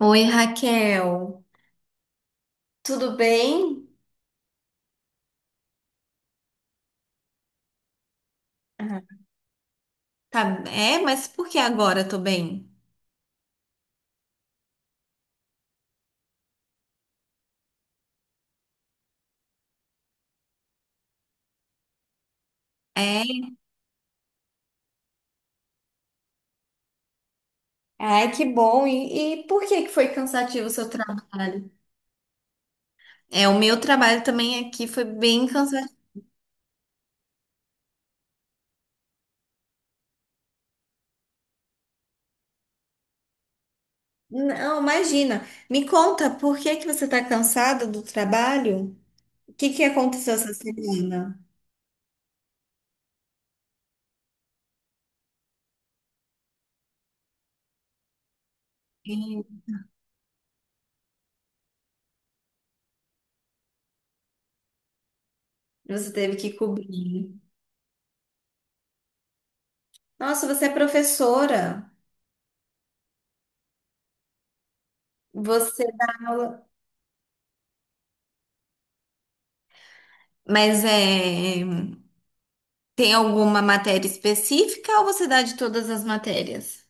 Oi, Raquel. Tudo bem? Ah. Tá, é, mas por que agora eu tô bem? É. Ai, que bom. E por que que foi cansativo o seu trabalho? É, o meu trabalho também aqui foi bem cansativo. Não, imagina. Me conta, por que que você tá cansada do trabalho? O que que aconteceu essa semana? Sim. Você teve que cobrir. Nossa, você é professora. Você dá aula. Mas é. Tem alguma matéria específica ou você dá de todas as matérias?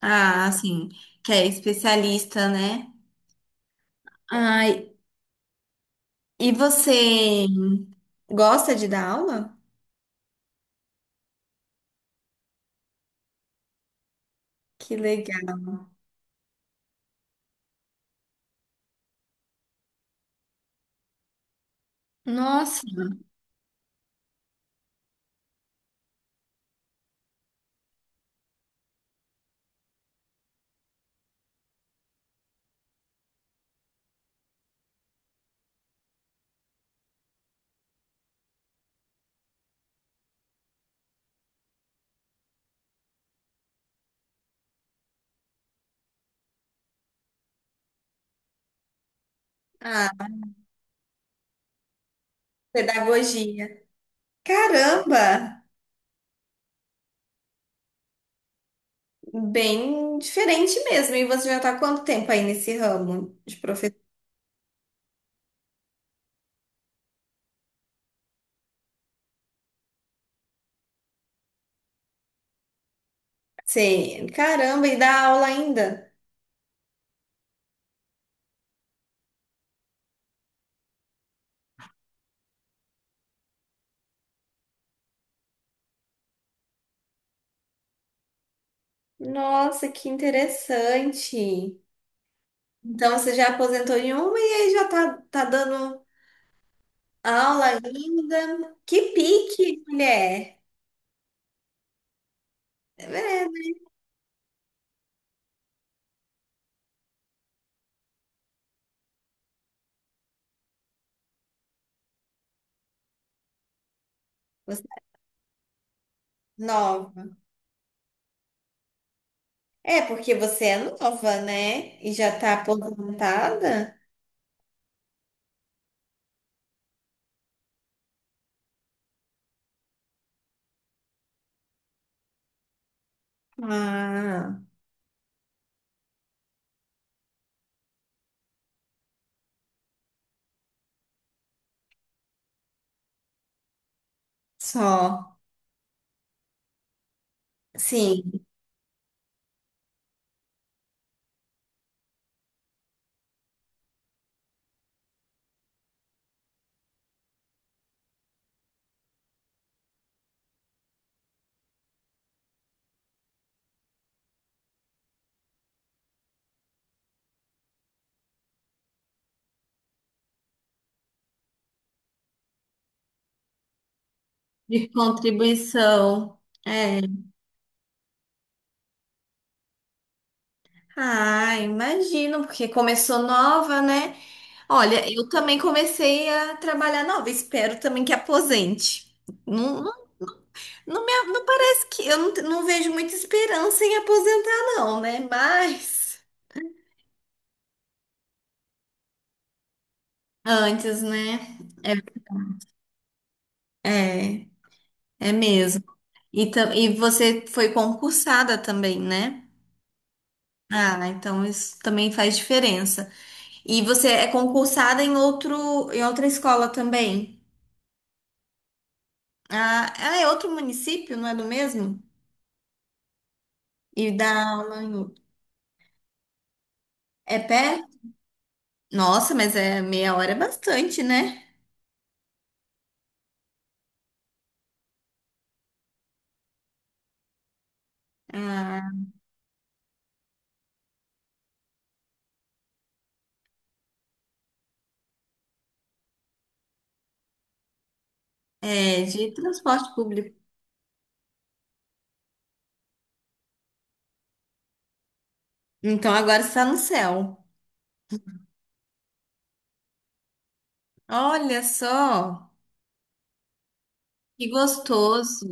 Ah, sim, que é especialista, né? Ai, e você gosta de dar aula? Que legal. Nossa. Ah, pedagogia. Caramba! Bem diferente mesmo. E você já está há quanto tempo aí nesse ramo de professor? Você, caramba, e dá aula ainda? Nossa, que interessante. Então você já aposentou em uma e aí já tá, tá dando aula ainda. Que pique, mulher. É, verdade, você é nova. É porque você é nova, né? E já tá aposentada? Ah, só. Sim, de contribuição. É. Ah, imagino, porque começou nova, né? Olha, eu também comecei a trabalhar nova. Espero também que aposente. Não, não, não parece que eu não vejo muita esperança em aposentar, não, né? Mas. Antes, né? É, é, é mesmo. E você foi concursada também, né? Ah, então isso também faz diferença. E você é concursada em outro, em outra escola também? Ah, ah, é outro município, não é do mesmo? E dá aula em outro. É pé? Nossa, mas é meia hora é bastante, né? Ah, é de transporte público. Então agora está no céu. Olha só, que gostoso.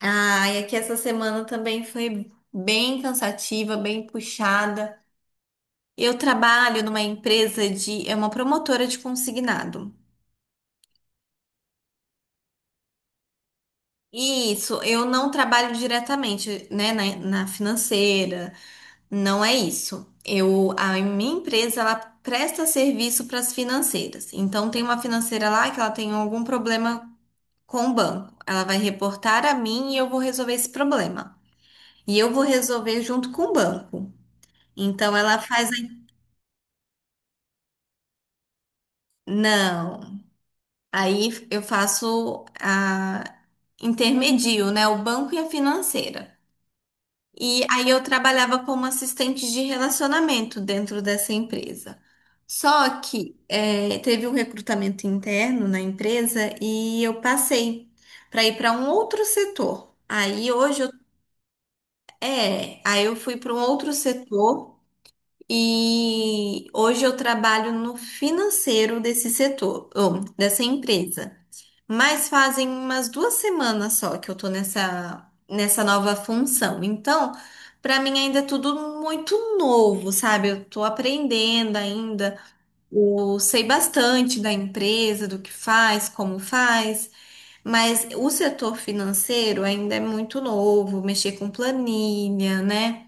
Ah, e aqui essa semana também foi bem cansativa, bem puxada. Eu trabalho numa empresa é uma promotora de consignado. E isso, eu não trabalho diretamente, né, na, na financeira, não é isso. Eu, a minha empresa, ela presta serviço para as financeiras. Então tem uma financeira lá que ela tem algum problema com o banco. Ela vai reportar a mim e eu vou resolver esse problema. E eu vou resolver junto com o banco. Então ela faz. Não. Aí eu faço a intermedio, né? O banco e a financeira. E aí eu trabalhava como assistente de relacionamento dentro dessa empresa. Só que teve um recrutamento interno na empresa e eu passei para ir para um outro setor. Aí hoje eu, é, aí eu fui para um outro setor e hoje eu trabalho no financeiro desse setor, ou dessa empresa. Mas fazem umas 2 semanas só que eu tô nessa nova função. Então, pra mim ainda é tudo muito novo, sabe? Eu tô aprendendo ainda. Eu sei bastante da empresa, do que faz, como faz, mas o setor financeiro ainda é muito novo, mexer com planilha, né?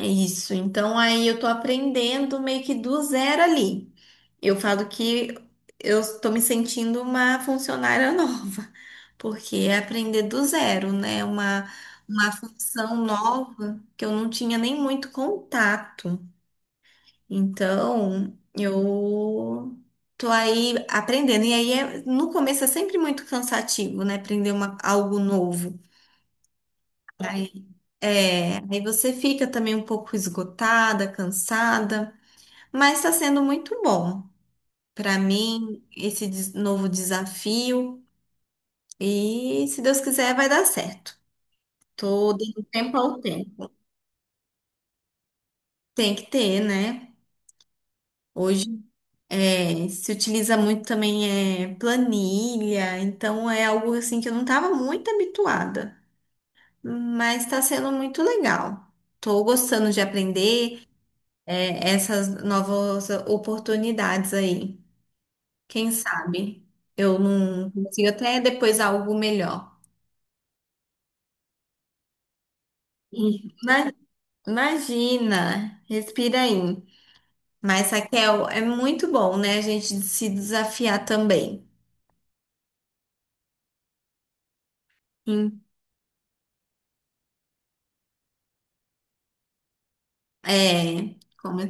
Isso, então aí eu tô aprendendo meio que do zero ali. Eu falo que eu tô me sentindo uma funcionária nova, porque é aprender do zero, né? Uma função nova que eu não tinha nem muito contato. Então, eu tô aí aprendendo. E aí, no começo é sempre muito cansativo, né? Aprender algo novo. Aí, você fica também um pouco esgotada, cansada. Mas está sendo muito bom para mim esse novo desafio. E se Deus quiser, vai dar certo. Tô dando tempo ao tempo. Tem que ter, né? Hoje se utiliza muito também é planilha, então é algo assim que eu não estava muito habituada, mas está sendo muito legal. Estou gostando de aprender essas novas oportunidades aí. Quem sabe eu não consigo até depois algo melhor. Ima- Imagina, respira aí. Mas, Raquel, é muito bom, né? A gente se desafiar também. Hum. É, como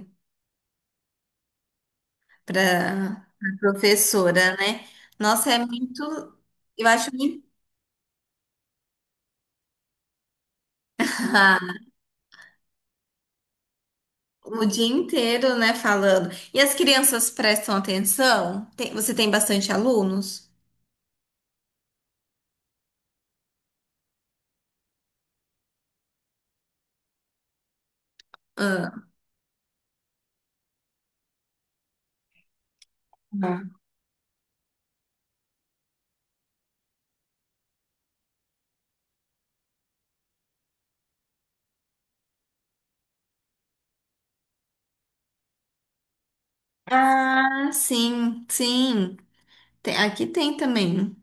para a professora, né? Nossa, é muito. Eu acho muito. O dia inteiro, né, falando. E as crianças prestam atenção? Você tem bastante alunos? Ah. Ah, sim, sim. Aqui tem também.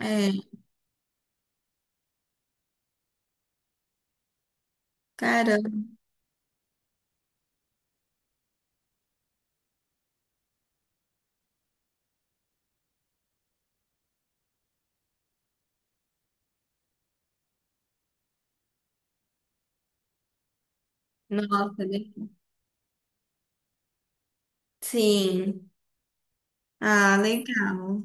É, caramba. Nossa, é. Sim. Ah, legal.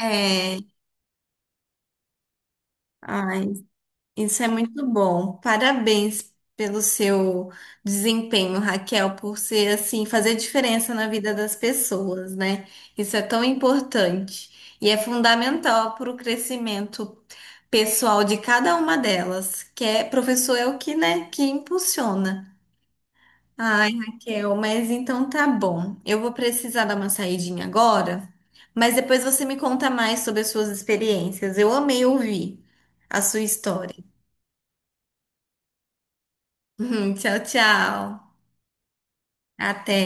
É, ai, isso é muito bom. Parabéns pelo seu desempenho, Raquel, por ser assim, fazer diferença na vida das pessoas, né? Isso é tão importante e é fundamental para o crescimento pessoal de cada uma delas, que é professor é o que, né, que impulsiona. Ai, Raquel, mas então tá bom. Eu vou precisar dar uma saidinha agora, mas depois você me conta mais sobre as suas experiências. Eu amei ouvir a sua história. Tchau, tchau. Até.